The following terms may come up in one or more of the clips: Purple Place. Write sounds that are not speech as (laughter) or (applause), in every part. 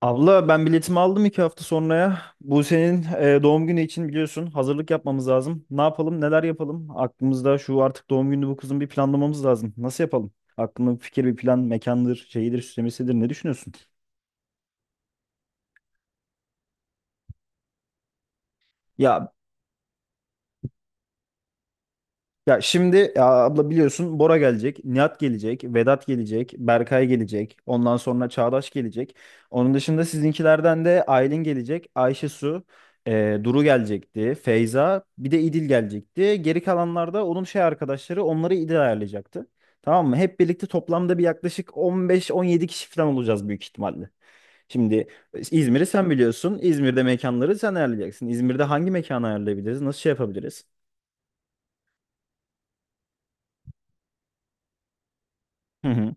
Abla ben biletimi aldım iki hafta sonraya. Bu senin doğum günü için biliyorsun hazırlık yapmamız lazım. Ne yapalım, neler yapalım? Aklımızda şu artık doğum günü bu kızın bir planlamamız lazım. Nasıl yapalım? Aklında bir fikir, bir plan, mekandır, şeyidir, süslemesidir. Ne düşünüyorsun? Ya. Şimdi ya abla biliyorsun Bora gelecek, Nihat gelecek, Vedat gelecek, Berkay gelecek, ondan sonra Çağdaş gelecek. Onun dışında sizinkilerden de Aylin gelecek, Ayşe Su, Duru gelecekti, Feyza, bir de İdil gelecekti. Geri kalanlar da onun şey arkadaşları onları İdil ayarlayacaktı. Tamam mı? Hep birlikte toplamda bir yaklaşık 15-17 kişi falan olacağız büyük ihtimalle. Şimdi İzmir'i sen biliyorsun. İzmir'de mekanları sen ayarlayacaksın. İzmir'de hangi mekanı ayarlayabiliriz? Nasıl şey yapabiliriz? Hı hı.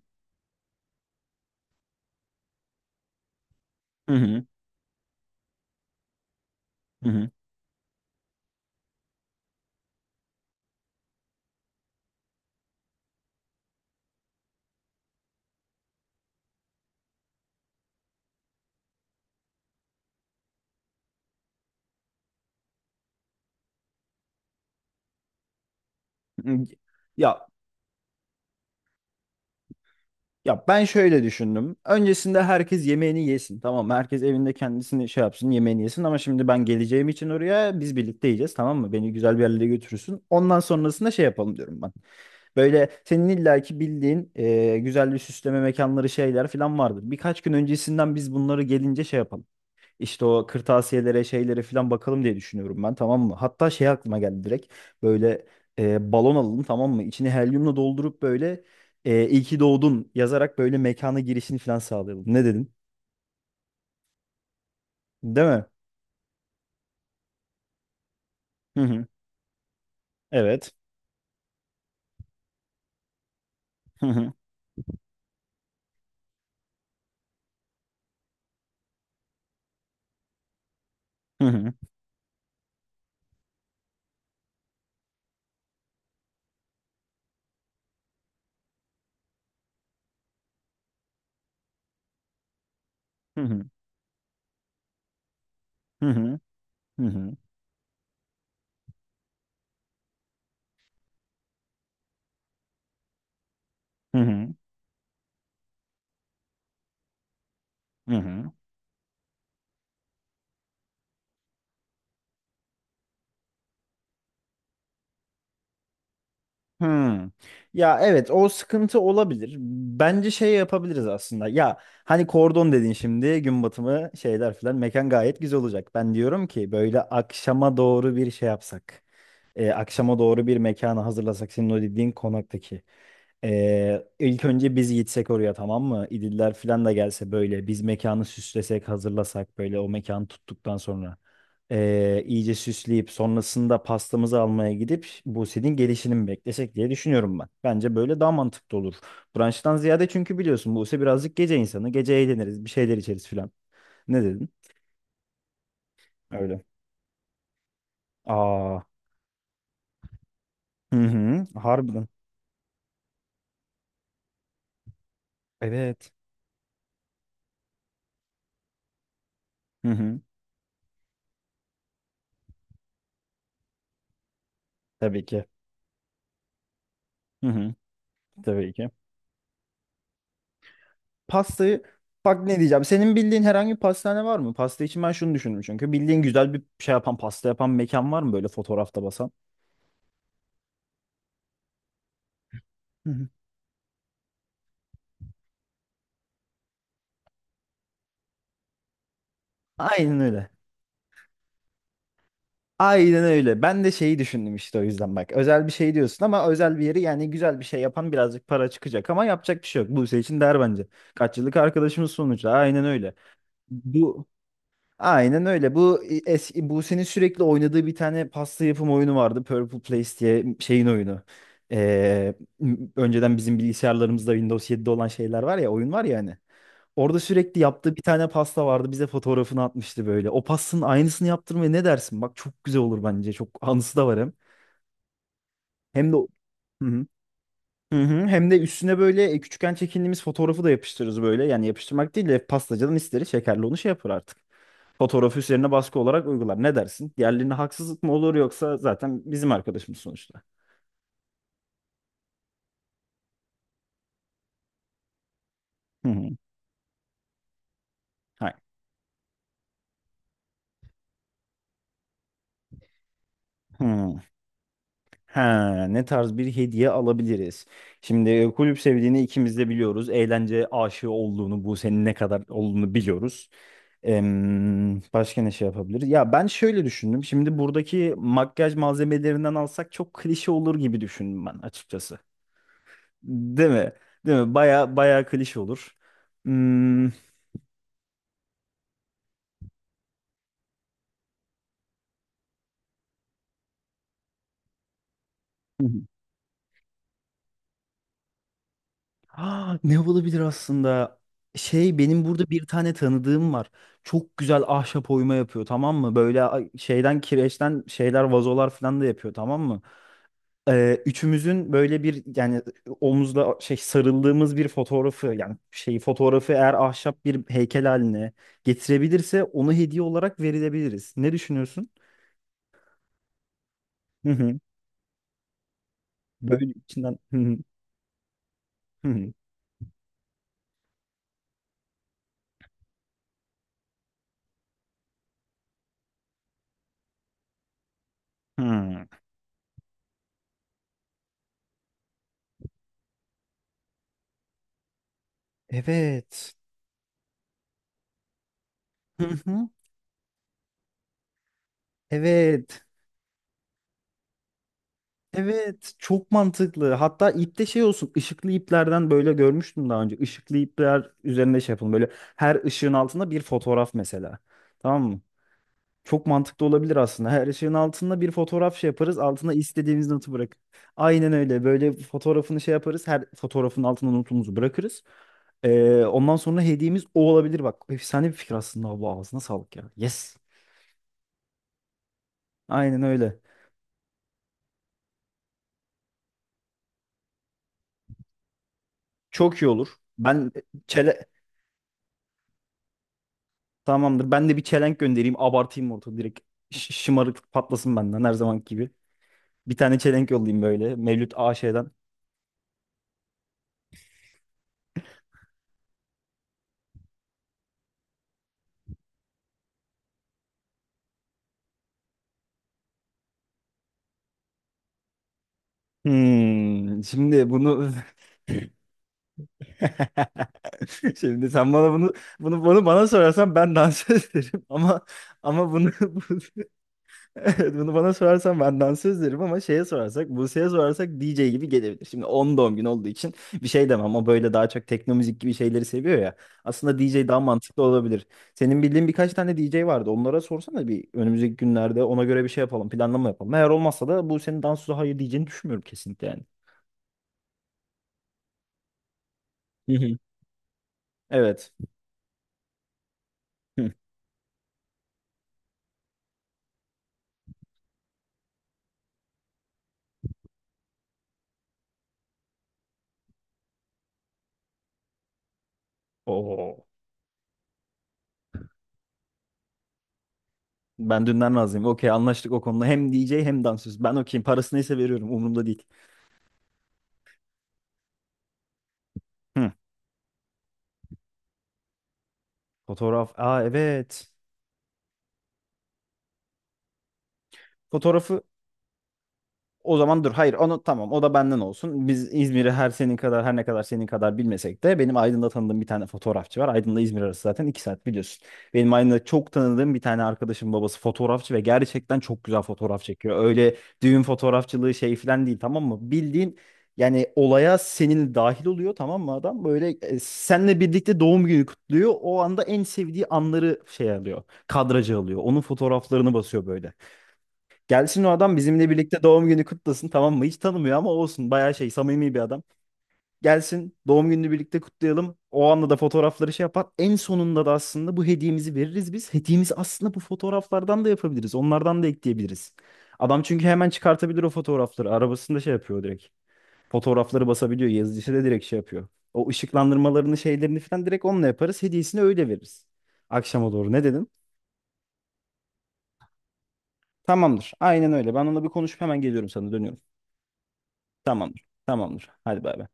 Hı hı. Hı hı. Ya, ben şöyle düşündüm. Öncesinde herkes yemeğini yesin. Tamam mı? Herkes evinde kendisini şey yapsın, yemeğini yesin ama şimdi ben geleceğim için oraya biz birlikte yiyeceğiz, tamam mı? Beni güzel bir yerlere götürürsün. Ondan sonrasında şey yapalım diyorum ben. Böyle senin illaki bildiğin güzel bir süsleme mekanları şeyler falan vardır. Birkaç gün öncesinden biz bunları gelince şey yapalım. İşte o kırtasiyelere şeylere falan bakalım diye düşünüyorum ben, tamam mı? Hatta şey aklıma geldi direkt böyle, balon alalım, tamam mı? İçini helyumla doldurup böyle iyi ki doğdun yazarak böyle mekana girişini falan sağlayalım. Ne dedin? Değil mi? Hı hı. Evet. Hı hı. Hı hı. Hı hı. Hı hı. Hı hı. Hı hı. Hı hı. Hmm. Ya evet, o sıkıntı olabilir. Bence şey yapabiliriz aslında. Ya hani kordon dedin, şimdi gün batımı şeyler filan mekan gayet güzel olacak. Ben diyorum ki böyle akşama doğru bir şey yapsak. Akşama doğru bir mekanı hazırlasak senin o dediğin konaktaki. İlk önce biz gitsek oraya, tamam mı? İdiller falan da gelse böyle biz mekanı süslesek, hazırlasak böyle o mekanı tuttuktan sonra. İyice süsleyip sonrasında pastamızı almaya gidip Buse'nin gelişini mi beklesek diye düşünüyorum ben. Bence böyle daha mantıklı olur. Brunch'tan ziyade, çünkü biliyorsun Buse birazcık gece insanı. Gece eğleniriz, bir şeyler içeriz falan. Ne dedin? Öyle. Aa. Hı hı. Harbiden. Evet. Hı hı. Tabii ki. Hı hı, tabii ki. Pastayı, bak ne diyeceğim. Senin bildiğin herhangi bir pastane var mı? Pasta için ben şunu düşündüm çünkü. Bildiğin güzel bir şey yapan, pasta yapan mekan var mı böyle fotoğrafta basan? Hı hı. Aynen öyle. Aynen öyle. Ben de şeyi düşündüm işte, o yüzden bak. Özel bir şey diyorsun ama özel bir yeri yani güzel bir şey yapan birazcık para çıkacak ama yapacak bir şey yok. Buse için der bence. Kaç yıllık arkadaşımız sonuçta. Aynen öyle. Bu. Aynen öyle. Bu eski Buse'nin sürekli oynadığı bir tane pasta yapım oyunu vardı. Purple Place diye şeyin oyunu. Önceden bizim bilgisayarlarımızda Windows 7'de olan şeyler var ya, oyun var ya hani. Orada sürekli yaptığı bir tane pasta vardı. Bize fotoğrafını atmıştı böyle. O pastanın aynısını yaptırmaya ne dersin? Bak çok güzel olur bence. Çok anısı da var hem. Hem de Hı hı. Hı hı. Hem de üstüne böyle küçükken çekindiğimiz fotoğrafı da yapıştırırız böyle. Yani yapıştırmak değil de pastacadan isteriz, şekerli onu şey yapar artık. Fotoğrafı üzerine baskı olarak uygular. Ne dersin? Diğerlerine haksızlık mı olur yoksa zaten bizim arkadaşımız sonuçta. Hı hı. Hayır. Hı. Ha, ne tarz bir hediye alabiliriz? Şimdi kulüp sevdiğini ikimiz de biliyoruz. Eğlence aşığı olduğunu, bu senin ne kadar olduğunu biliyoruz. Başka ne şey yapabiliriz? Ya ben şöyle düşündüm. Şimdi buradaki makyaj malzemelerinden alsak çok klişe olur gibi düşündüm ben açıkçası. Değil mi? Değil mi? Baya baya klişe olur. Hmm. (laughs) Ah, ne olabilir aslında? Şey benim burada bir tane tanıdığım var. Çok güzel ahşap oyma yapıyor, tamam mı? Böyle şeyden kireçten şeyler vazolar falan da yapıyor, tamam mı? Üçümüzün böyle bir yani omuzda şey sarıldığımız bir fotoğrafı yani şeyi fotoğrafı eğer ahşap bir heykel haline getirebilirse onu hediye olarak verilebiliriz. Ne düşünüyorsun? Hı hı. Böyle içinden. Hı hı. Hı hı. Hı. Evet. Hı hı. Evet. Evet, çok mantıklı. Hatta ipte şey olsun, ışıklı iplerden böyle görmüştüm daha önce. Işıklı ipler üzerinde şey yapalım. Böyle her ışığın altında bir fotoğraf mesela. Tamam mı? Çok mantıklı olabilir aslında. Her ışığın altında bir fotoğraf şey yaparız. Altına istediğimiz notu bırak. Aynen öyle. Böyle fotoğrafını şey yaparız. Her fotoğrafın altına notumuzu bırakırız. Ondan sonra hediyemiz o olabilir. Bak, efsane bir fikir aslında. Bu ağzına sağlık ya. Yes. Aynen öyle. Çok iyi olur. Ben çele Tamamdır. Ben de bir çelenk göndereyim. Abartayım ortalığı direkt. Şımarıklık patlasın benden her zamanki gibi. Bir tane çelenk yollayayım böyle. Mevlüt AŞ'den. Hmm, şimdi bunu. (laughs) Şimdi sen bana bunu bana sorarsan ben dans (laughs) ederim ama ama bunu. (laughs) Evet, bunu bana sorarsan ben dansöz derim ama şeye sorarsak, Buse'ye sorarsak DJ gibi gelebilir. Şimdi 10 doğum günü olduğu için bir şey demem. O böyle daha çok tekno müzik gibi şeyleri seviyor ya. Aslında DJ daha mantıklı olabilir. Senin bildiğin birkaç tane DJ vardı. Onlara sorsana bir, önümüzdeki günlerde ona göre bir şey yapalım, planlama yapalım. Eğer olmazsa da Buse'nin dansöze hayır diyeceğini düşünmüyorum kesinlikle yani. Hı hı. Evet. Hı. Oo. Ben dünden razıyım. Okey, anlaştık o konuda. Hem DJ hem dansöz. Ben okeyim. Parası neyse veriyorum. Umurumda değil. Hı. Fotoğraf. Aa evet. Fotoğrafı. O zaman dur, hayır onu tamam o da benden olsun. Biz İzmir'i her ne kadar senin kadar bilmesek de benim Aydın'da tanıdığım bir tane fotoğrafçı var. Aydın'la İzmir arası zaten iki saat biliyorsun. Benim Aydın'da çok tanıdığım bir tane arkadaşım babası fotoğrafçı ve gerçekten çok güzel fotoğraf çekiyor. Öyle düğün fotoğrafçılığı şey falan değil tamam mı? Bildiğin yani olaya senin dahil oluyor, tamam mı adam? Böyle seninle birlikte doğum günü kutluyor. O anda en sevdiği anları şey alıyor. Kadraja alıyor. Onun fotoğraflarını basıyor böyle. Gelsin o adam bizimle birlikte doğum günü kutlasın, tamam mı? Hiç tanımıyor ama olsun, bayağı şey samimi bir adam. Gelsin doğum gününü birlikte kutlayalım. O anda da fotoğrafları şey yapar. En sonunda da aslında bu hediyemizi veririz biz. Hediyemizi aslında bu fotoğraflardan da yapabiliriz. Onlardan da ekleyebiliriz. Adam çünkü hemen çıkartabilir o fotoğrafları. Arabasında şey yapıyor direkt. Fotoğrafları basabiliyor. Yazıcısı da direkt şey yapıyor. O ışıklandırmalarını şeylerini falan direkt onunla yaparız. Hediyesini öyle veririz. Akşama doğru ne dedin? Tamamdır. Aynen öyle. Ben onunla bir konuşup hemen geliyorum, sana dönüyorum. Tamamdır. Tamamdır. Hadi bay bay.